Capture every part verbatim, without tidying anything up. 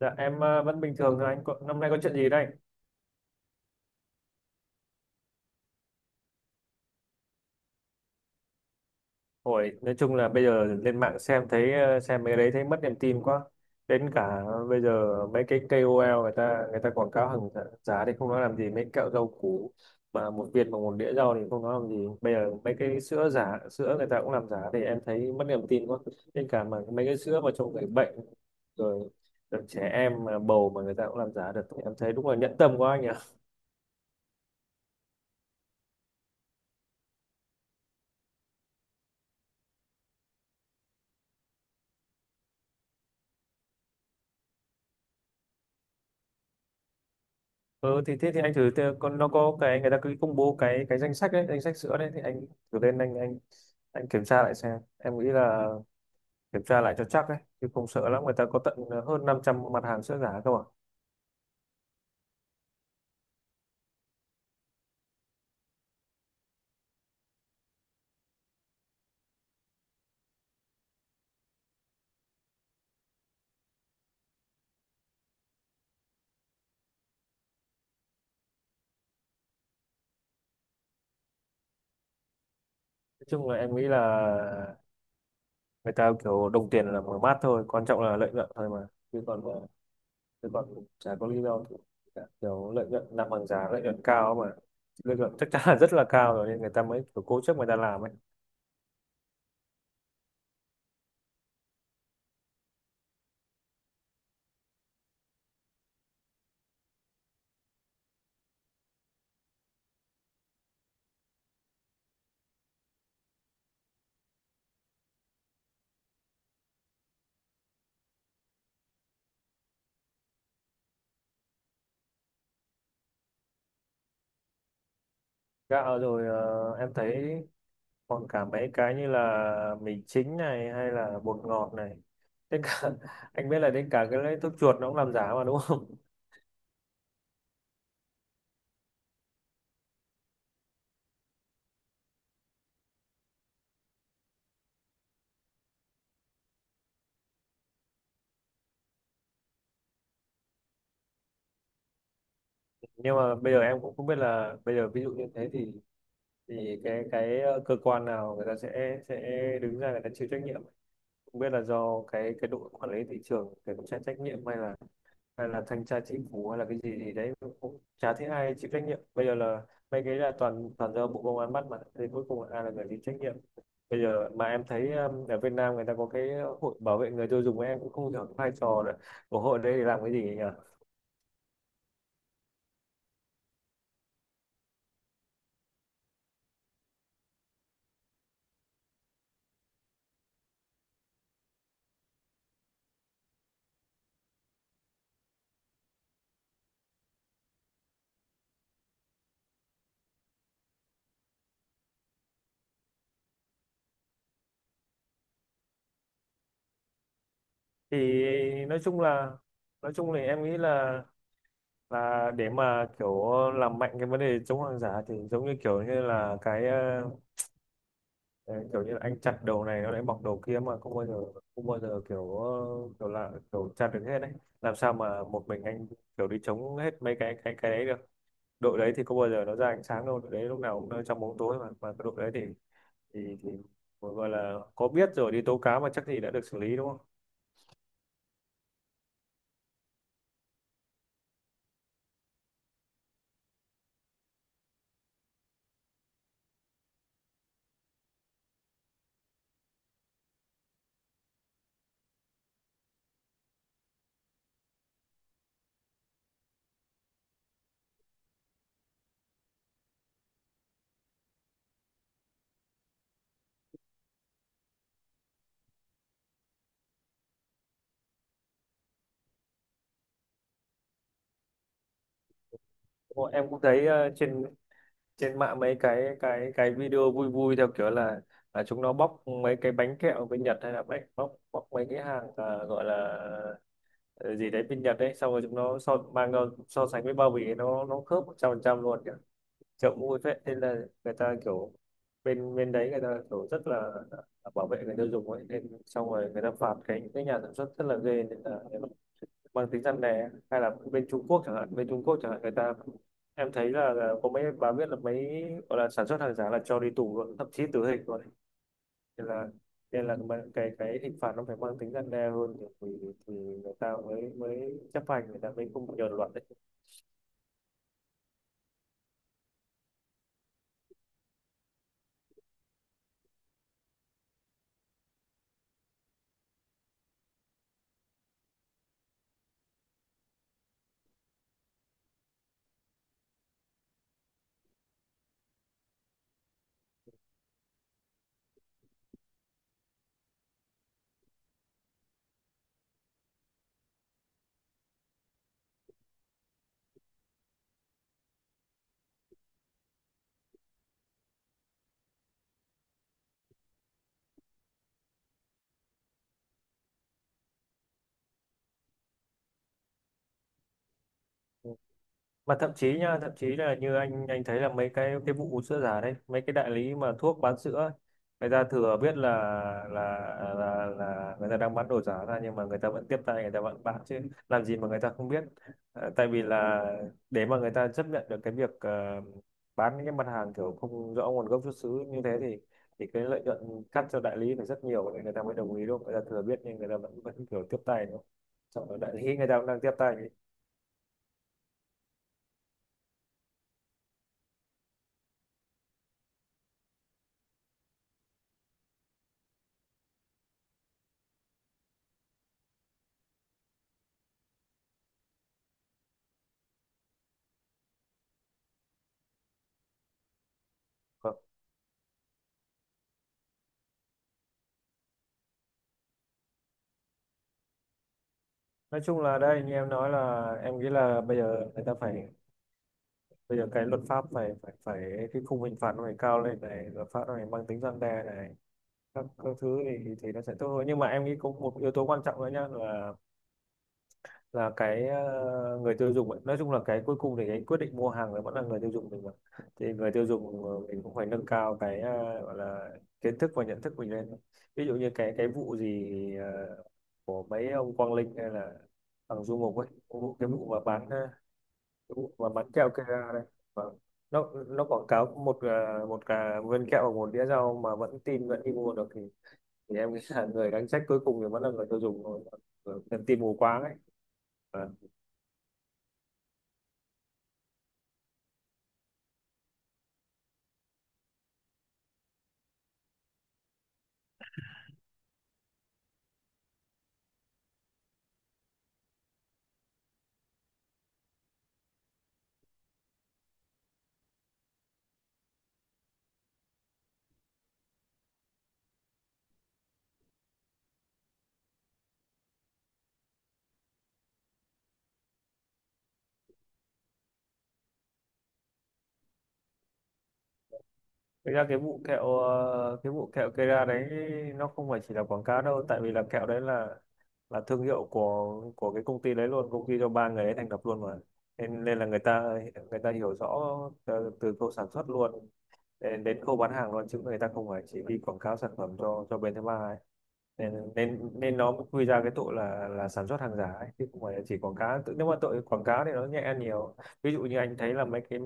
Dạ em ờ, vẫn bình thường thôi anh có, năm nay có chuyện gì đây? Hồi nói chung là bây giờ lên mạng xem thấy ờ, xem mấy cái đấy thấy mất niềm tin quá. Đến cả bây giờ mấy cái ca O ca o eo người ta người ta quảng cáo hàng giả giá thì không nói làm gì mấy kẹo rau củ mà một viên bằng một đĩa rau thì không nói làm gì. Bây giờ mấy cái sữa giả sữa người ta cũng làm giả thì em thấy mất niềm tin quá. Đến cả mà mấy cái sữa mà cho người bệnh rồi, rồi trẻ em mà bầu mà người ta cũng làm giả được thì em thấy đúng là nhẫn tâm quá anh nhỉ. Ừ, thì thế thì anh thử tê- con nó có cái người ta cứ công bố cái cái danh sách đấy danh sách sữa đấy thì anh thử lên anh anh anh kiểm tra lại xem em nghĩ là kiểm tra lại cho chắc đấy chứ không sợ lắm người ta có tận ờ, hơn năm trăm mặt hàng sữa giả cơ mà nói chung là em nghĩ là người ta kiểu đồng tiền là mở mát thôi quan trọng là lợi nhuận thôi mà chứ còn ờ, chứ còn chả có lý do gì cả. Kiểu lợi nhuận làm hàng giả lợi nhuận cao mà lợi nhuận chắc chắn là rất là cao rồi nên người ta mới kiểu cố chấp người ta làm ấy gạo rồi ờ, em thấy còn cả mấy cái như là mì chính này hay là bột ngọt này đến cả anh biết là đến cả cái lấy thuốc chuột nó cũng làm giả mà đúng không? Nhưng mà bây giờ em cũng không biết là bây giờ ví dụ như thế thì thì cái cái ờ, cơ quan nào người ta sẽ sẽ đứng ra người ta chịu trách nhiệm, không biết là do cái cái đội quản lý thị trường để cũng sẽ trách nhiệm hay là hay là thanh tra chính phủ hay là cái gì gì đấy, cũng chả thấy ai chịu trách nhiệm bây giờ là mấy cái là toàn toàn do bộ công an bắt mà thì cuối cùng ai là người chịu trách nhiệm bây giờ mà em thấy um, ở Việt Nam người ta có cái hội bảo vệ người tiêu dùng, em cũng không hiểu cái vai trò là của hội đấy để làm cái gì nhỉ. Thì nói chung là nói chung thì em nghĩ là là để mà kiểu làm mạnh cái vấn đề chống hàng giả thì giống như kiểu như là cái ờ, đấy, kiểu như là anh chặt đầu này nó lại mọc đầu kia mà không bao giờ không bao giờ kiểu ờ, kiểu là kiểu chặt được hết đấy, làm sao mà một mình anh kiểu đi chống hết mấy cái cái cái đấy được, đội đấy thì không bao giờ nó ra ánh sáng đâu, đội đấy lúc nào cũng ở trong bóng tối mà mà cái đội đấy thì thì, thì gọi là có biết rồi đi tố cáo mà chắc gì đã được xử lý đúng không? Đúng rồi, em cũng thấy ờ, trên trên mạng mấy cái cái cái video vui vui theo kiểu là là chúng nó bóc mấy cái bánh kẹo bên Nhật hay là bánh bóc bóc mấy cái hàng ờ, gọi là ờ, gì đấy bên Nhật đấy xong rồi chúng nó so mang ra so sánh với bao bì, nó nó khớp một trăm phần trăm luôn kìa, chợ cũng vui phết nên là người ta kiểu bên bên đấy người ta kiểu rất là, là bảo vệ người tiêu dùng ấy nên xong rồi người ta phạt cái cái nhà sản xuất rất là ghê nên là mang tính răn đe. Hay là bên Trung Quốc chẳng hạn, bên Trung Quốc chẳng hạn người ta em thấy là, là có mấy bà biết là mấy gọi là sản xuất hàng giả là cho đi tù luôn thậm chí tử hình luôn, nên là nên là mà cái cái hình phạt nó phải mang tính răn đe hơn thì, thì, thì người ta mới mới chấp hành, người ta mới không nhờn luật đấy. Mà thậm chí nha, thậm chí là như anh anh thấy là mấy cái cái vụ sữa giả đấy, mấy cái đại lý mà thuốc bán sữa ấy, người ta thừa biết là là là là người ta đang bán đồ giả ra nhưng mà người ta vẫn tiếp tay người ta vẫn bán chứ, làm gì mà người ta không biết. Ờ, tại vì là để mà người ta chấp nhận được cái việc ờ, bán những cái mặt hàng kiểu không rõ nguồn gốc xuất xứ như thế thì thì cái lợi nhuận cắt cho đại lý phải rất nhiều để người ta mới đồng ý đúng không, người ta thừa biết nhưng người ta vẫn vẫn kiểu tiếp tay đúng không. Sợ đại lý người ta cũng đang tiếp tay. Nói chung là đây như em nói là em nghĩ là bây giờ người ta phải bây giờ cái luật pháp phải phải phải cái khung hình phạt nó phải cao lên này, luật pháp nó phải mang tính răn đe này, các, các thứ thì thì nó sẽ tốt hơn, nhưng mà em nghĩ có một yếu tố quan trọng nữa nhá là là cái ờ, người tiêu dùng ấy. Nói chung là cái cuối cùng thì cái quyết định mua hàng là vẫn là người tiêu dùng mình mà, thì người tiêu dùng ờ, mình cũng phải nâng cao cái ờ, gọi là kiến thức và nhận thức mình lên, ví dụ như cái cái vụ gì ờ, của mấy ông Quang Linh hay là thằng Du Mục ấy, cái vụ cái vụ mà bán ờ, cái vụ mà bán kẹo Kera đấy. Vâng. Nó nó quảng cáo một ờ, một cả viên kẹo và một đĩa rau mà vẫn tin vẫn đi mua được thì, thì em nghĩ là người đáng trách cuối cùng thì vẫn là người tiêu dùng thôi. Người- Tin mù quáng ấy. Thực ra cái vụ kẹo ờ, cái vụ kẹo Kera đấy, nó không phải chỉ là quảng cáo đâu tại vì là kẹo đấy là là thương hiệu của của cái công ty đấy luôn, công ty do ba người ấy thành lập luôn mà, nên nên là người ta người ta hiểu rõ từ, từ khâu sản xuất luôn đến đến khâu bán hàng luôn, chứ người ta không phải chỉ đi quảng cáo sản phẩm cho cho bên thứ ba ấy, nên nên nên nó mới quy ra cái tội là là sản xuất hàng giả ấy, chứ không phải là chỉ quảng cáo. Tự- nếu mà tội quảng cáo thì nó nhẹ hơn nhiều, ví dụ như anh thấy là mấy cái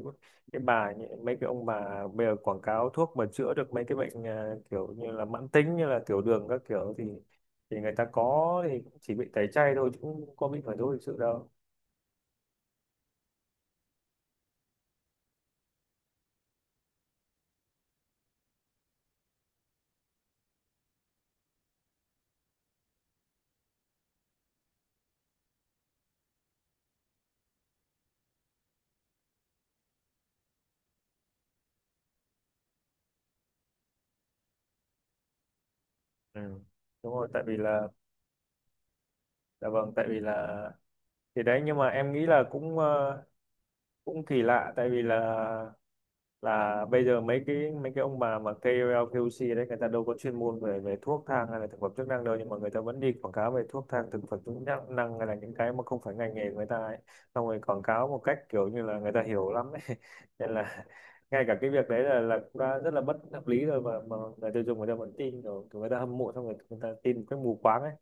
cái bà nhỉ- mấy cái ông bà bây giờ quảng cáo thuốc mà chữa được mấy cái bệnh à, kiểu như là mãn tính như là tiểu đường các kiểu thì thì người ta có thì cũng chỉ bị tẩy chay thôi chứ cũng không có bị khởi tố hình sự đâu. Ừ. Đúng rồi tại vì là dạ vâng tại vì là thì đấy nhưng mà em nghĩ là cũng ờ, cũng kỳ lạ tại vì là là bây giờ mấy cái mấy cái ông bà mà ca o eo ca o xê đấy người ta đâu có chuyên môn về về thuốc thang hay là thực phẩm chức năng đâu, nhưng mà người ta vẫn đi quảng cáo về thuốc thang thực phẩm chức năng năng hay là những cái mà không phải ngành nghề của người ta ấy, xong rồi quảng cáo một cách kiểu như là người ta hiểu lắm ấy nên là ngay cả cái việc đấy là là cũng đã rất là bất hợp lý rồi, mà mà người tiêu dùng người ta vẫn tin rồi kiểu người ta hâm mộ xong rồi người ta tin một cách mù quáng ấy.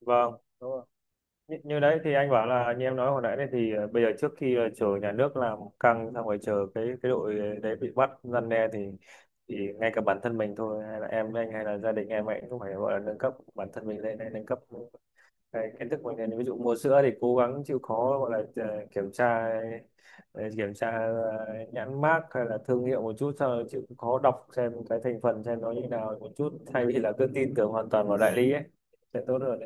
Vâng, đúng rồi. Như, như đấy thì anh bảo là như em nói hồi nãy này thì ờ, bây giờ trước khi là chờ nhà nước làm căng xong rồi chờ cái cái đội đấy bị bắt răn đe thì thì ngay cả bản thân mình thôi hay là em với anh hay là gia đình em ấy cũng phải gọi là nâng cấp bản thân mình lên hay nâng cấp cái kiến thức mình lên, ví dụ mua sữa thì cố gắng chịu khó gọi là ờ, kiểm tra ờ, kiểm tra ờ, nhãn mác hay là thương hiệu một chút sau đó chịu khó đọc xem cái thành phần xem nó như nào một chút thay vì là cứ tin tưởng hoàn toàn vào đại lý ấy sẽ tốt hơn.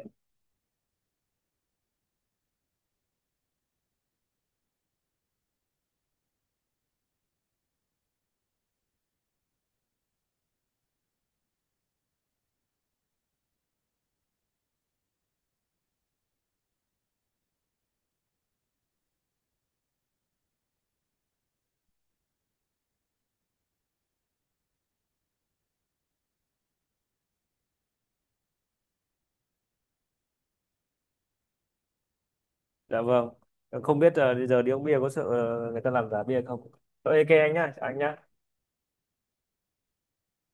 Dạ vâng. Không biết ờ, bây giờ đi uống bia có sợ ờ, người ta làm giả bia không? Ờ, ok anh nhá, chào anh nhá.